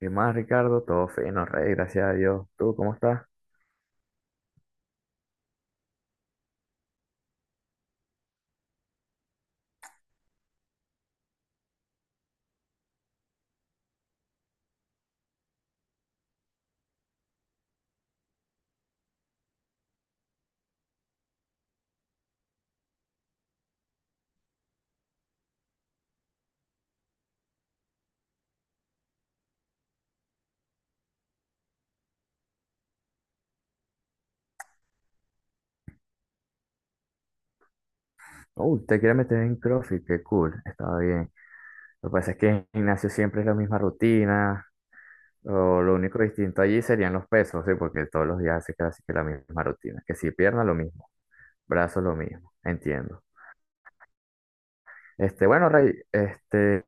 ¿Qué más, Ricardo? Todo fino, rey, gracias a Dios. ¿Tú cómo estás? Te quieres meter en CrossFit, qué cool, estaba bien. Lo que pasa es que en gimnasio siempre es la misma rutina, o lo único distinto allí serían los pesos, ¿sí? Porque todos los días hace casi que la misma rutina. Que si pierna lo mismo, brazos lo mismo, entiendo. Bueno, Rey,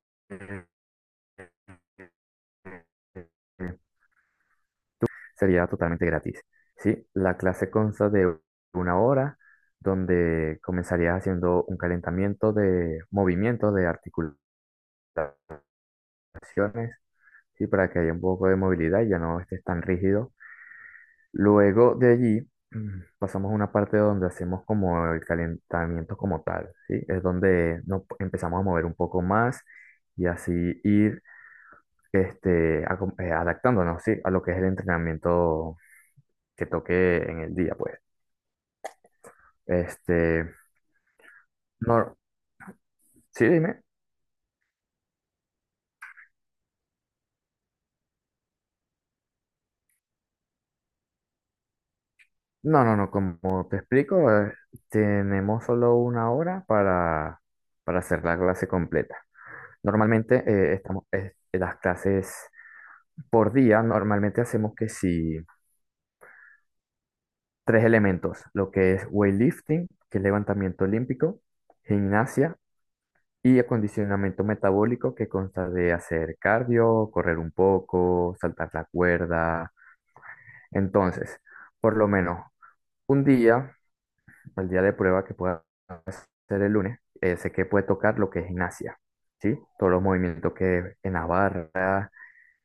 sería totalmente gratis. ¿Sí? La clase consta de 1 hora donde comenzarías haciendo un calentamiento de movimientos, de articulaciones, ¿sí? Para que haya un poco de movilidad y ya no estés tan rígido. Luego de allí pasamos a una parte donde hacemos como el calentamiento como tal, ¿sí? Es donde nos empezamos a mover un poco más y así ir adaptándonos, ¿sí? A lo que es el entrenamiento que toque en el día, pues. Este, no, sí, dime. No, no, no, como te explico, tenemos solo 1 hora para hacer la clase completa. Normalmente estamos, las clases por día, normalmente hacemos que si tres elementos, lo que es weightlifting, que es levantamiento olímpico, gimnasia y acondicionamiento metabólico, que consta de hacer cardio, correr un poco, saltar la cuerda. Entonces, por lo menos un día. El día de prueba que pueda ser el lunes, sé que puede tocar lo que es gimnasia, ¿sí? Todos los movimientos que en la barra,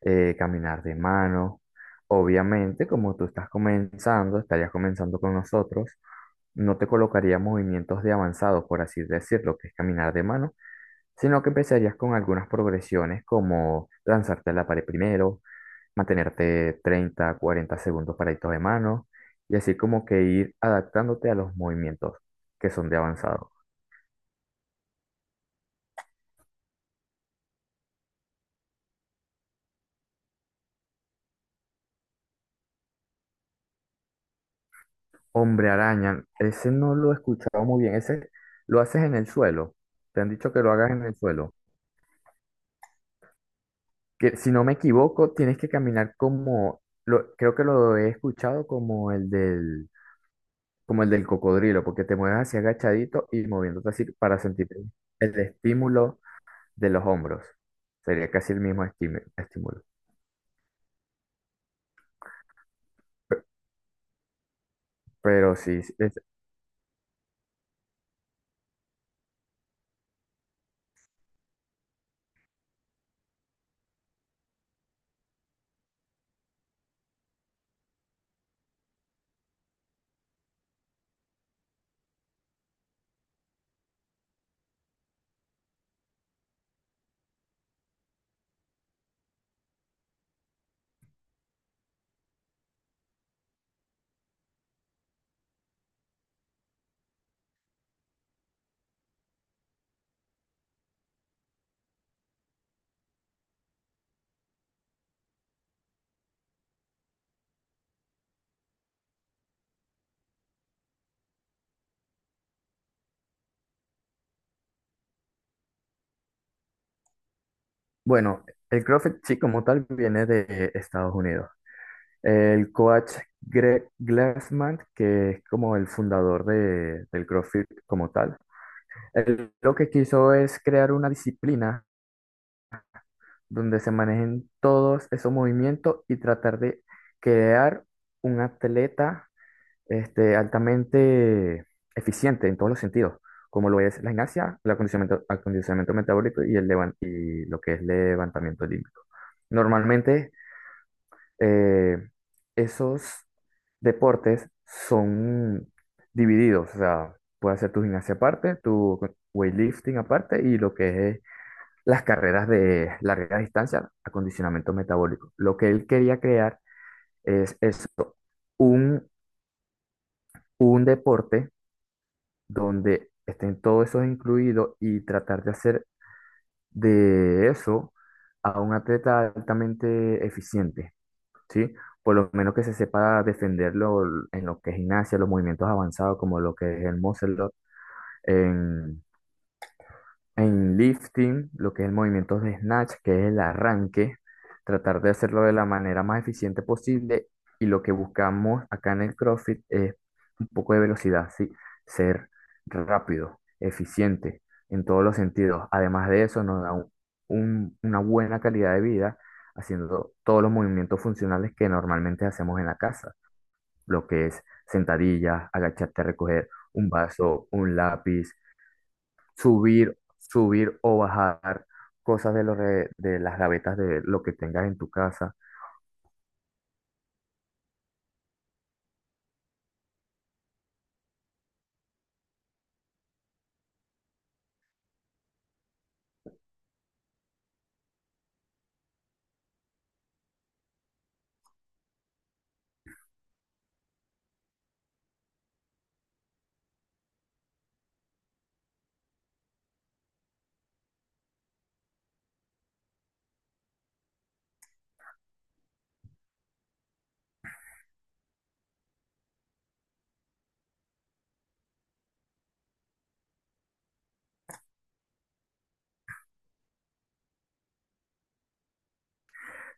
caminar de mano. Obviamente, como tú estás comenzando, estarías comenzando con nosotros, no te colocaría movimientos de avanzado, por así decirlo, que es caminar de mano, sino que empezarías con algunas progresiones como lanzarte a la pared primero, mantenerte 30 40 segundos paraditos de mano y así como que ir adaptándote a los movimientos que son de avanzado. Hombre araña, ese no lo he escuchado muy bien, ese lo haces en el suelo. Te han dicho que lo hagas en el suelo. Que si no me equivoco, tienes que caminar como lo, creo que lo he escuchado como el del cocodrilo, porque te mueves así agachadito y moviéndote así para sentir el estímulo de los hombros. Sería casi el mismo estímulo. Pero sí, sí, es, bueno, el CrossFit sí como tal viene de Estados Unidos. El coach Greg Glassman, que es como el fundador de, del CrossFit como tal, él lo que quiso es crear una disciplina donde se manejen todos esos movimientos y tratar de crear un atleta altamente eficiente en todos los sentidos, como lo es la gimnasia, el acondicionamiento, acondicionamiento metabólico y, y lo que es levantamiento olímpico. Normalmente, eh, esos deportes son divididos, o sea, puedes hacer tu gimnasia aparte, tu weightlifting aparte y lo que es las carreras de larga distancia, acondicionamiento metabólico. Lo que él quería crear es eso, un, un deporte donde estén todos esos incluidos y tratar de hacer de eso a un atleta altamente eficiente, ¿sí? Por lo menos que se sepa defenderlo en lo que es gimnasia, los movimientos avanzados como lo que es el muscle up, en lifting, lo que es el movimiento de snatch, que es el arranque, tratar de hacerlo de la manera más eficiente posible. Y lo que buscamos acá en el CrossFit es un poco de velocidad, ¿sí? Ser rápido, eficiente en todos los sentidos. Además de eso, nos da una buena calidad de vida haciendo todos los movimientos funcionales que normalmente hacemos en la casa, lo que es sentadillas, agacharte a recoger un vaso, un lápiz, subir o bajar cosas de, de las gavetas de lo que tengas en tu casa.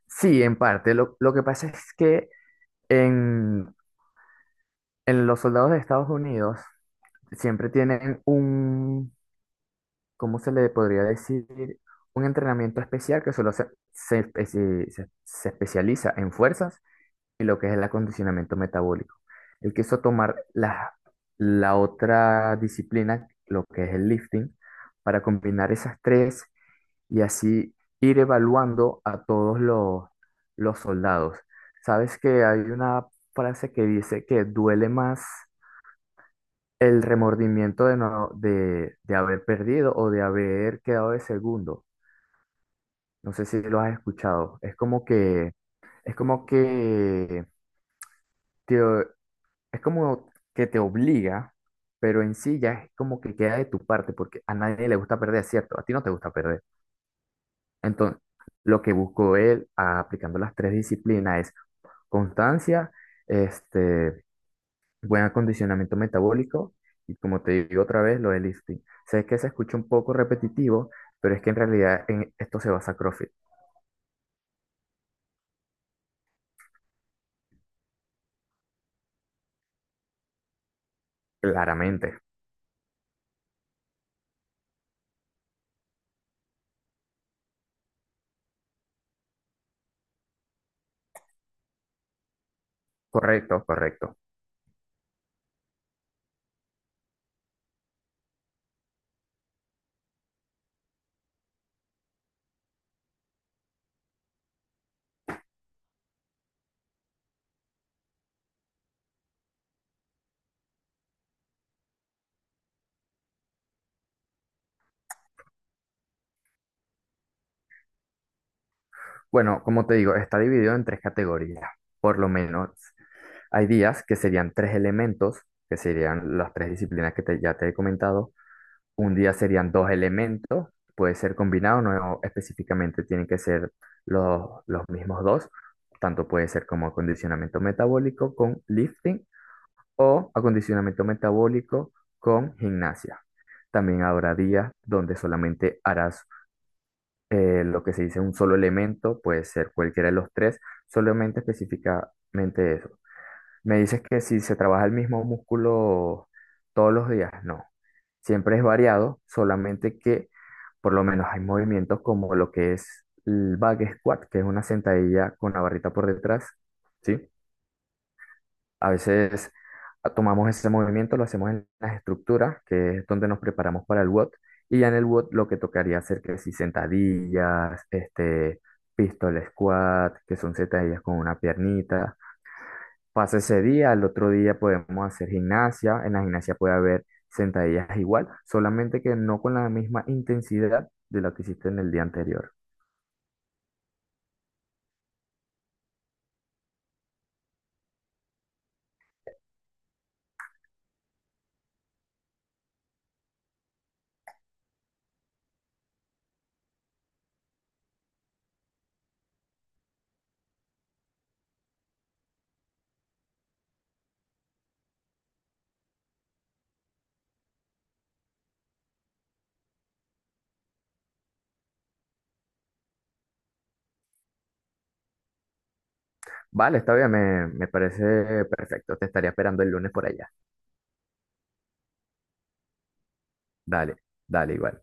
Sí, en parte. Lo que pasa es que en, en los soldados de Estados Unidos siempre tienen un, ¿cómo se le podría decir? Un entrenamiento especial que solo se especializa en fuerzas y lo que es el acondicionamiento metabólico. Él quiso tomar la, la otra disciplina, lo que es el lifting, para combinar esas tres y así ir evaluando a todos los soldados. Sabes que hay una frase que dice que duele más el remordimiento de, no, de haber perdido o de haber quedado de segundo. No sé si lo has escuchado. Es como que te, es como que te obliga, pero en sí ya es como que queda de tu parte, porque a nadie le gusta perder, ¿cierto? A ti no te gusta perder. Entonces, lo que buscó él aplicando las tres disciplinas es constancia, este, buen acondicionamiento metabólico y como te digo otra vez, lo del lifting. Sé que se escucha un poco repetitivo, pero es que en realidad en esto se basa CrossFit, claramente. Correcto, correcto. Bueno, como te digo, está dividido en tres categorías, por lo menos. Hay días que serían tres elementos, que serían las tres disciplinas que ya te he comentado. Un día serían dos elementos, puede ser combinado, no específicamente tienen que ser los mismos dos. Tanto puede ser como acondicionamiento metabólico con lifting o acondicionamiento metabólico con gimnasia. También habrá días donde solamente harás lo que se dice un solo elemento, puede ser cualquiera de los tres, solamente específicamente eso. Me dices que si se trabaja el mismo músculo todos los días, no. Siempre es variado, solamente que por lo menos hay movimientos como lo que es el back squat, que es una sentadilla con la barrita por detrás, ¿sí? A veces tomamos ese movimiento, lo hacemos en las estructuras, que es donde nos preparamos para el WOD, y ya en el WOD lo que tocaría hacer que si sentadillas, este, pistol squat, que son sentadillas con una piernita. Pasa ese día, al otro día podemos hacer gimnasia, en la gimnasia puede haber sentadillas igual, solamente que no con la misma intensidad de la que hiciste en el día anterior. Vale, está bien, me parece perfecto, te estaría esperando el lunes por allá. Dale, dale igual.